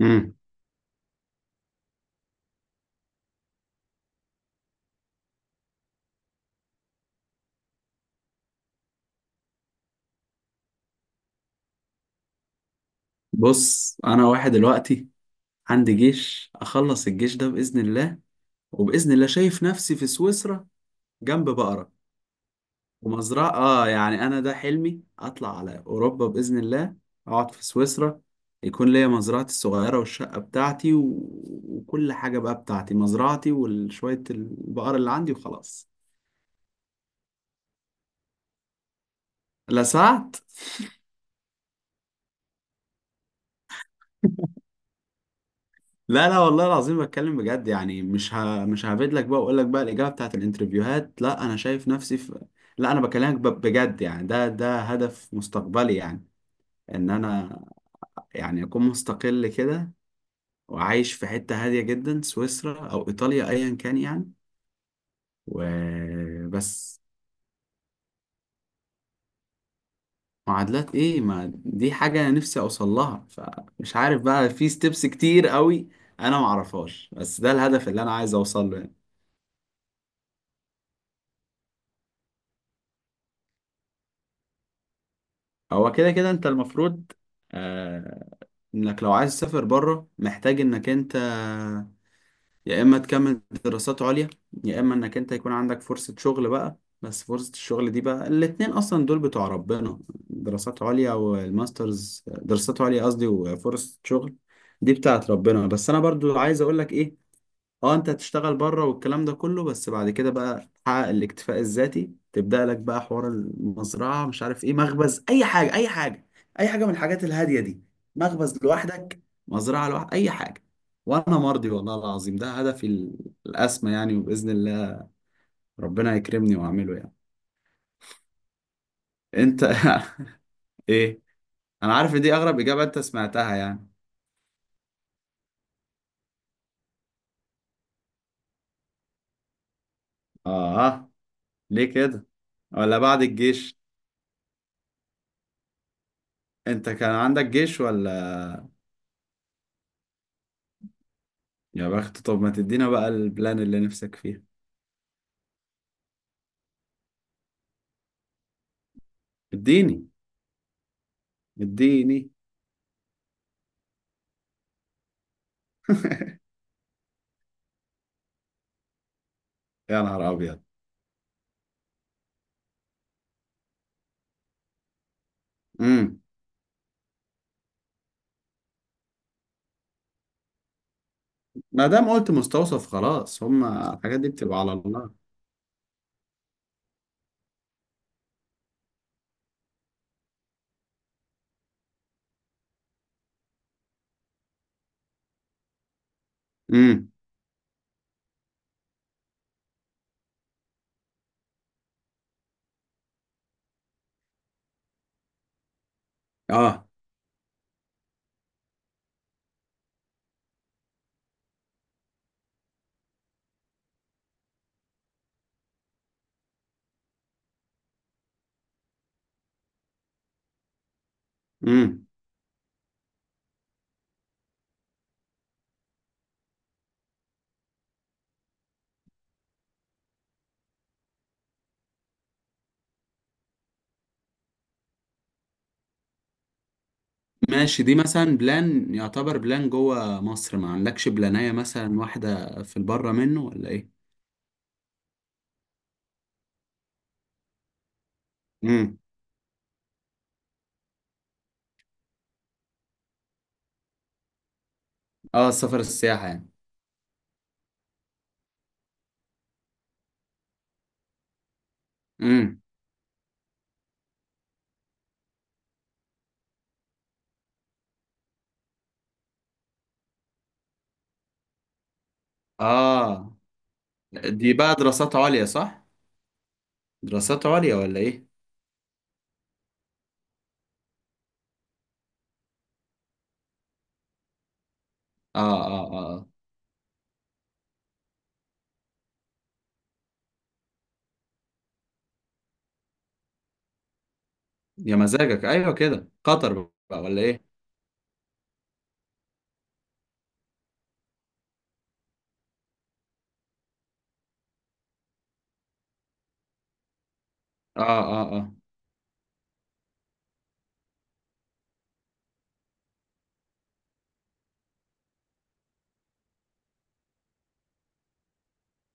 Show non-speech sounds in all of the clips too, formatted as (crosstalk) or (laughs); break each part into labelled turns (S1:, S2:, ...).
S1: امم بص، انا واحد دلوقتي عندي جيش. اخلص الجيش ده باذن الله. وباذن الله شايف نفسي في سويسرا جنب بقرة ومزرعة. اه يعني انا ده حلمي، اطلع على اوروبا باذن الله، اقعد في سويسرا، يكون ليا مزرعتي الصغيرة والشقة بتاعتي وكل حاجة بقى بتاعتي، مزرعتي وشوية البقر اللي عندي وخلاص. لا سعت. لا، لا، والله العظيم بتكلم بجد يعني. مش هفيد لك بقى واقول لك بقى الاجابه بتاعت الانترفيوهات. لا، انا شايف نفسي في. لا، انا بكلمك بجد يعني. ده هدف مستقبلي يعني. ان انا يعني اكون مستقل كده، وعايش في حته هاديه جدا، سويسرا او ايطاليا، ايا كان يعني. وبس. معادلات ايه؟ ما دي حاجه انا نفسي اوصل لها، فمش عارف بقى، في ستيبس كتير قوي انا معرفهاش، بس ده الهدف اللي انا عايز اوصل له يعني. هو كده كده انت المفروض. آه. انك لو عايز تسافر بره محتاج انك انت يا اما تكمل دراسات عليا، يا اما انك انت يكون عندك فرصة شغل بقى. بس فرصة الشغل دي بقى الاتنين اصلا دول بتوع ربنا. دراسات عليا والماسترز، دراسات عليا قصدي، وفرصة شغل، دي بتاعت ربنا. بس انا برضو عايز اقولك ايه، اه انت هتشتغل بره والكلام ده كله، بس بعد كده بقى تحقق الاكتفاء الذاتي، تبدأ لك بقى حوار المزرعة، مش عارف ايه، مخبز، اي حاجة، اي حاجة. اي حاجة من الحاجات الهادية دي. مخبز لوحدك، مزرعة لوحدك، اي حاجة. وانا مرضي والله العظيم، ده هدفي الاسمى يعني. وبإذن الله ربنا يكرمني واعمله يعني. انت (laughs) ايه؟ انا عارف إن دي اغرب اجابة انت سمعتها يعني. اه، ليه كده؟ ولا بعد الجيش؟ انت كان عندك جيش ولا؟ يا بخت. طب ما تدينا بقى البلان اللي نفسك فيها. اديني. اديني. (laughs) يا نهار ابيض. امم. ما دام قلت مستوصف، خلاص، هما الحاجات دي بتبقى على الله. امم. اه. امم. ماشي، دي مثلا بلان يعتبر بلان جوه مصر، ما عندكش بلانية مثلا واحدة في البره منه ولا ايه؟ امم. اه، السفر، السياحة يعني. امم. اه، دي بقى دراسات عليا، صح؟ دراسات عليا ولا ايه؟ اه، اه، اه، آه. يا مزاجك، ايوه كده، قطر بقى ولا ايه؟ اه، اه، اه.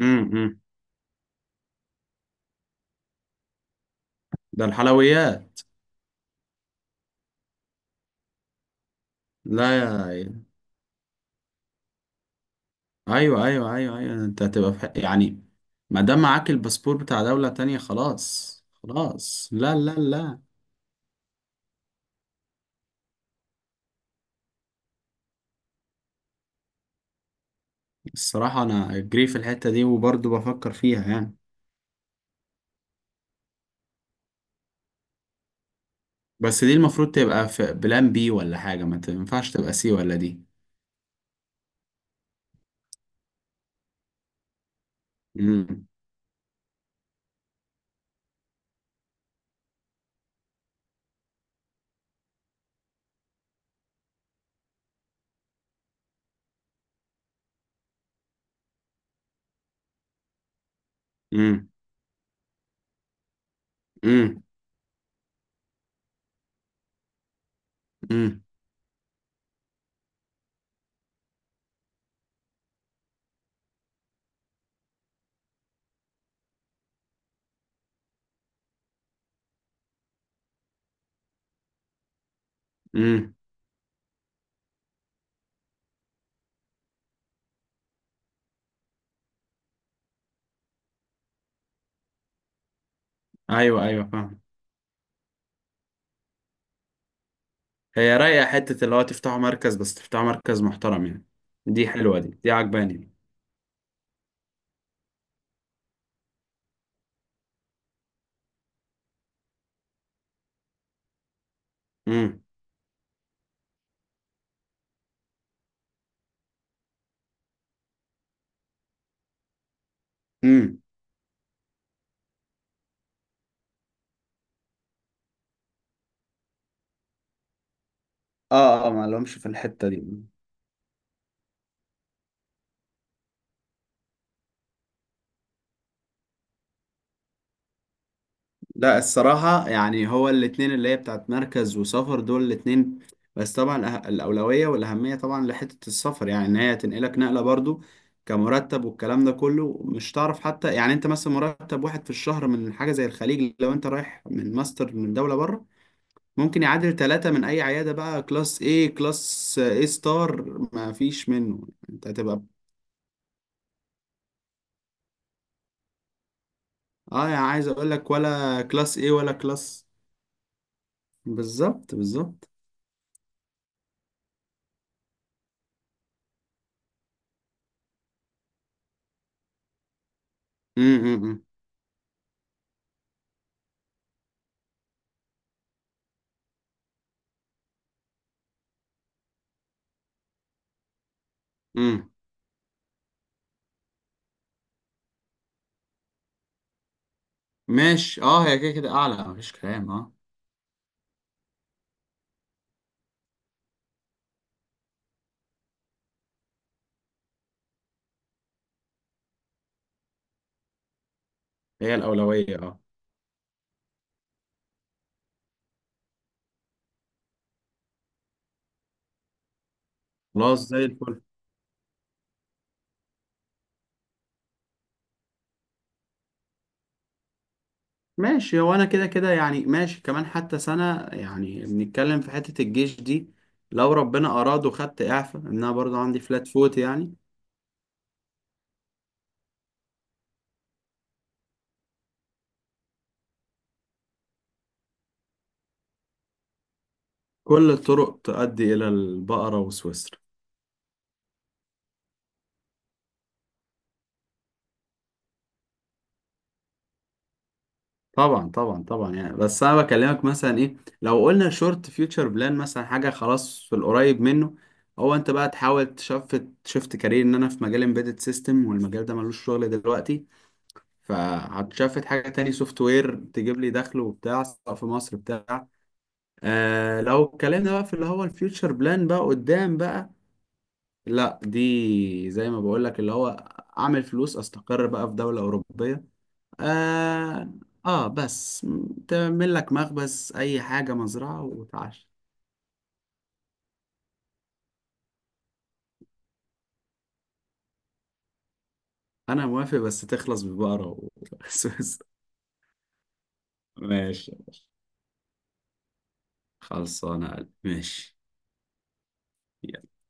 S1: امم، ده الحلويات. لا يا. ايوه، ايوه، ايوه، ايوه، انت هتبقى في حق يعني. ما دام معاك الباسبور بتاع دولة تانية، خلاص، خلاص، لا، لا، لا. الصراحة انا جري في الحتة دي وبرضه بفكر فيها يعني. بس دي المفروض تبقى في بلان بي ولا حاجة، ما تنفعش تبقى سي ولا دي. امم، امم، امم، امم، امم. ايوه، ايوه، فاهم. هي رايقة حتة اللي هو تفتحوا مركز، بس تفتحوا مركز محترم يعني. دي حلوة، دي عجباني. امم، امم. اه، اه، ما لهمش في الحتة دي. لا، الصراحة يعني هو الاتنين اللي هي بتاعت مركز وسفر، دول الاتنين. بس طبعا الأولوية والأهمية طبعا لحتة السفر يعني، إن هي تنقلك نقلة برضو، كمرتب والكلام ده كله، مش تعرف حتى يعني، أنت مثلا مرتب واحد في الشهر من حاجة زي الخليج لو أنت رايح من ماستر من دولة بره، ممكن يعادل ثلاثة من أي عيادة بقى، كلاس A، كلاس A ستار، ما فيش منه، أنت هتبقى. اه يعني عايز أقول لك، ولا كلاس A ولا كلاس. بالظبط، بالظبط. امم، امم. ماشي. اه، هي كده كده اعلى، مفيش كلام. اه، هي الاولويه، اه. خلاص زي الفل. ماشي. هو انا كده كده يعني ماشي، كمان حتى سنه يعني بنتكلم في حته الجيش دي. لو ربنا اراد وخدت اعفاء ان انا برضو عندي فلات فوت يعني. كل الطرق تؤدي الى البقره وسويسرا. طبعا، طبعا، طبعا يعني. بس انا بكلمك مثلا ايه، لو قلنا شورت فيوتشر بلان مثلا، حاجه خلاص في القريب منه، هو انت بقى تحاول شفت كارير، ان انا في مجال امبيدد سيستم والمجال ده ملوش شغل دلوقتي، فهتشفت حاجه تاني، سوفت وير، تجيب لي دخل وبتاع سواء في مصر بتاع. لو اتكلمنا بقى في اللي هو الفيوتشر بلان بقى قدام بقى، لا دي زي ما بقول لك، اللي هو اعمل فلوس، استقر بقى في دوله اوروبيه. آه. بس تعمل لك مخبز، أي حاجة، مزرعة، وتعش. أنا موافق بس تخلص ببقرة (laughs) بس بس. ماشي. خلصانة يا قلبي. ماشي.